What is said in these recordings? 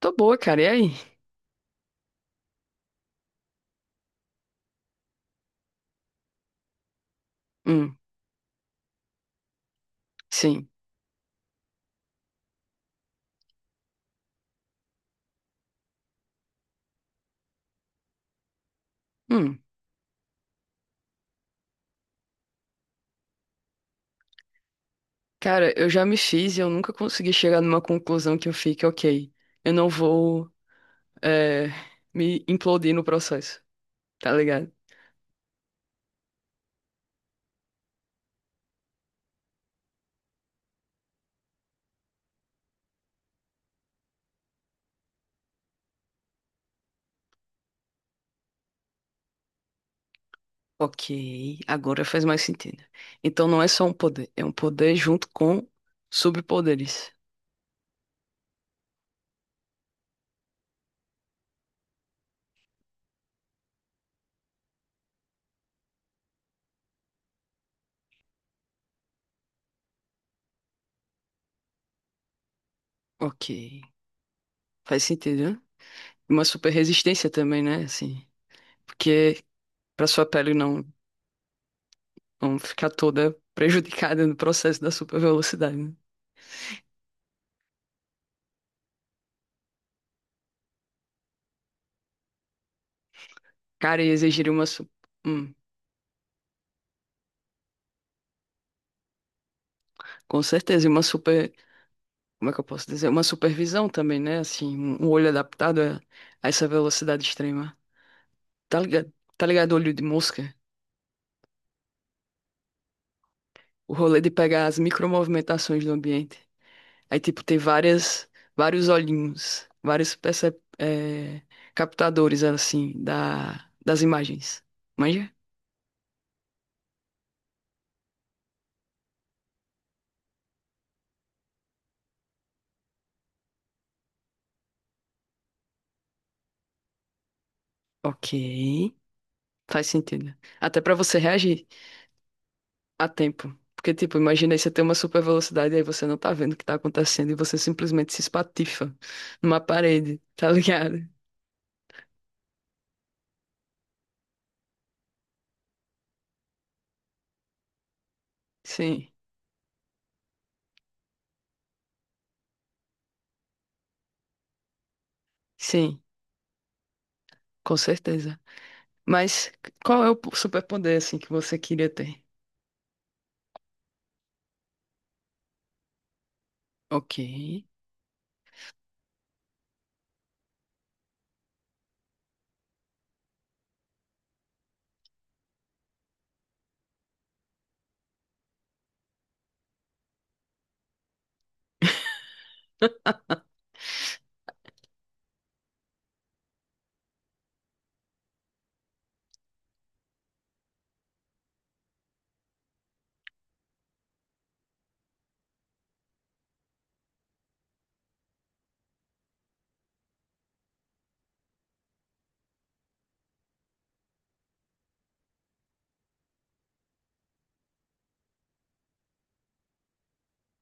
Tô boa, cara. E aí? Hum, sim. Hum. Cara, eu já me fiz e eu nunca consegui chegar numa conclusão que eu fique, ok, eu não vou é, me implodir no processo, tá ligado? Ok, agora faz mais sentido. Então não é só um poder, é um poder junto com subpoderes. Ok, faz sentido, né? Uma super resistência também, né? Assim, porque pra sua pele não, não ficar toda prejudicada no processo da super velocidade, né? Cara, e exigiria uma super. Com certeza, e uma super, como é que eu posso dizer? Uma supervisão também, né? Assim, um olho adaptado a essa velocidade extrema. Tá ligado? Tá ligado o olho de mosca? O rolê de pegar as micromovimentações do ambiente. Aí, tipo, tem várias, vários olhinhos, captadores, assim, da, das imagens. Manja? Ok. Faz sentido. Até pra você reagir a tempo. Porque, tipo, imagina aí você ter uma super velocidade e aí você não tá vendo o que tá acontecendo e você simplesmente se espatifa numa parede, tá ligado? Sim, sim, com certeza. Mas qual é o superpoder, assim, que você queria ter? Ok,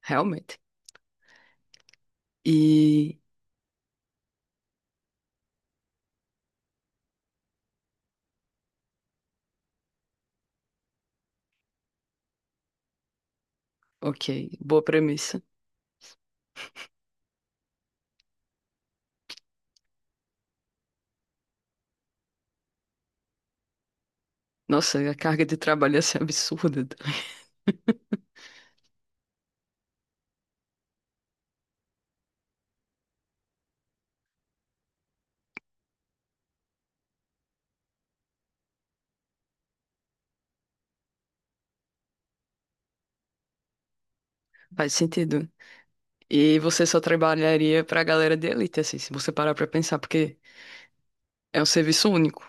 realmente. E, ok, boa premissa. Nossa, a carga de trabalho ia ser absurda. Faz sentido. E você só trabalharia pra galera de elite, assim, se você parar pra pensar, porque é um serviço único.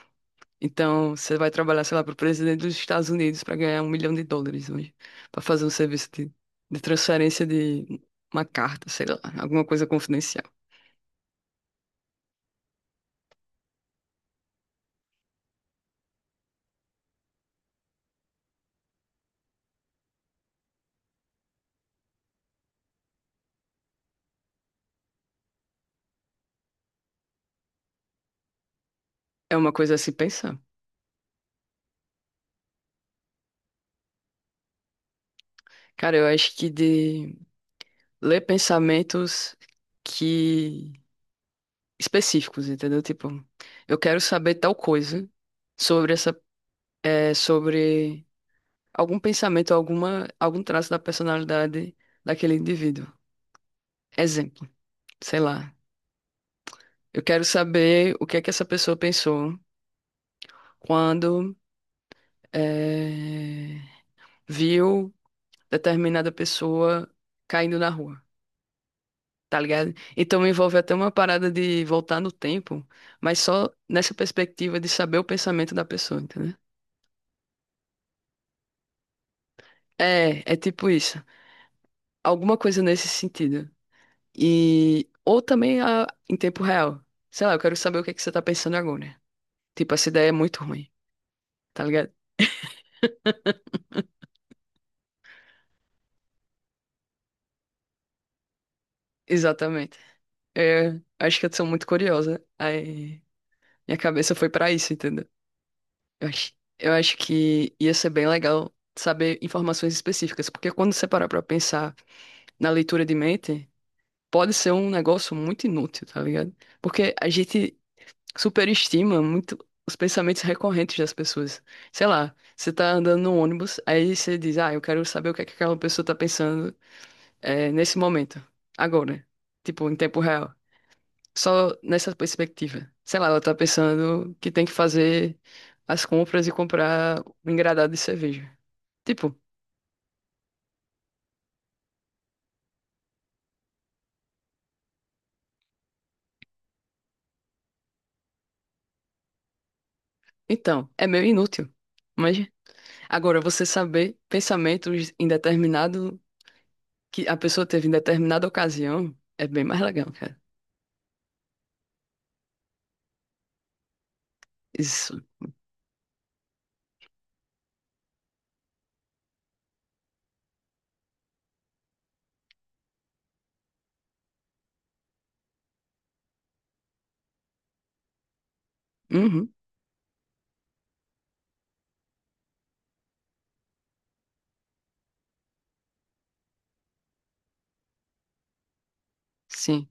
Então, você vai trabalhar, sei lá, para o presidente dos Estados Unidos para ganhar um milhão de dólares hoje, para fazer um serviço de transferência de uma carta, sei lá, alguma coisa confidencial. É uma coisa a se pensar. Cara, eu acho que de ler pensamentos que específicos, entendeu? Tipo, eu quero saber tal coisa sobre essa, é, sobre algum pensamento, alguma, algum traço da personalidade daquele indivíduo. Exemplo, sei lá. Eu quero saber o que é que essa pessoa pensou quando eh, viu determinada pessoa caindo na rua, tá ligado? Então envolve até uma parada de voltar no tempo, mas só nessa perspectiva de saber o pensamento da pessoa, entendeu? É, é tipo isso. Alguma coisa nesse sentido. E ou também a- em tempo real. Sei lá, eu quero saber o que é que você tá pensando agora. Tipo, essa ideia é muito ruim, tá ligado? Exatamente. É, acho que eu sou muito curiosa. Aí minha cabeça foi pra isso, entendeu? Eu acho, eu acho que ia ser bem legal saber informações específicas, porque quando você parar pra pensar na leitura de mente, pode ser um negócio muito inútil, tá ligado? Porque a gente superestima muito os pensamentos recorrentes das pessoas. Sei lá, você tá andando no ônibus, aí você diz, ah, eu quero saber o que é que aquela pessoa tá pensando, é, nesse momento, agora, tipo, em tempo real. Só nessa perspectiva. Sei lá, ela tá pensando que tem que fazer as compras e comprar um engradado de cerveja. Tipo, então, é meio inútil. Mas agora você saber pensamentos em determinado que a pessoa teve em determinada ocasião é bem mais legal, cara. Isso. Uhum. Sim.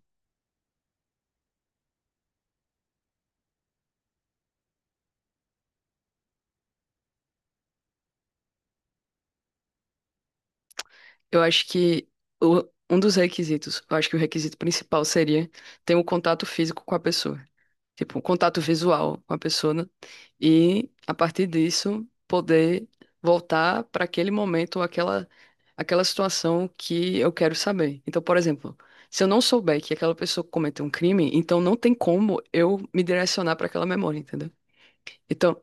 Eu acho que o- um dos requisitos, eu acho que o requisito principal seria ter um contato físico com a pessoa. Tipo, um contato visual com a pessoa, né? E a partir disso poder voltar para aquele momento, aquela situação que eu quero saber. Então, por exemplo, se eu não souber que aquela pessoa cometeu um crime, então não tem como eu me direcionar para aquela memória, entendeu? Então,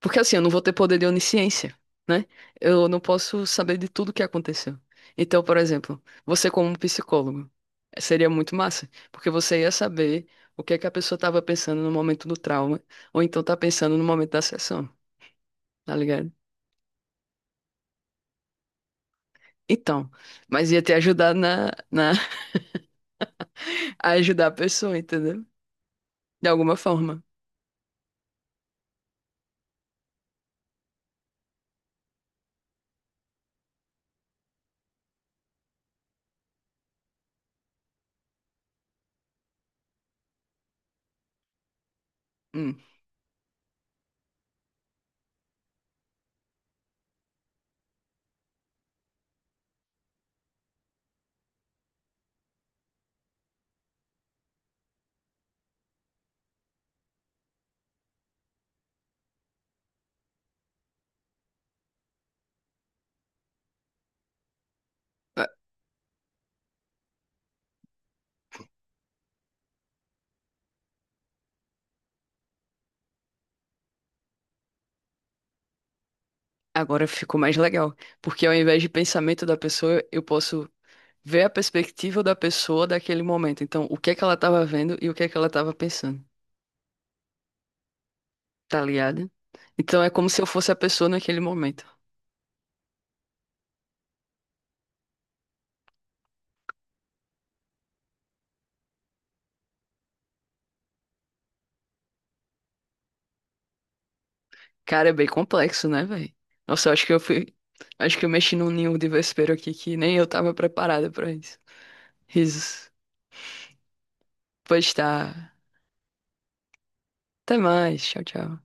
porque assim, eu não vou ter poder de onisciência, né? Eu não posso saber de tudo que aconteceu. Então, por exemplo, você como um psicólogo, seria muito massa, porque você ia saber o que é que a pessoa estava pensando no momento do trauma, ou então tá pensando no momento da sessão, tá ligado? Então, mas ia te ajudar na a ajudar a pessoa, entendeu? De alguma forma. Hum. A- Agora ficou mais legal, porque ao invés de pensamento da pessoa, eu posso ver a perspectiva da pessoa daquele momento. Então, o que é que ela estava vendo e o que é que ela estava pensando, tá ligado? Então, é como se eu fosse a pessoa naquele momento. Cara, é bem complexo, né, velho? Nossa, eu acho que eu fui. Acho que eu mexi num ninho de vespeiro aqui que nem eu tava preparada pra isso. Risos. Pois tá. Até mais. Tchau, tchau.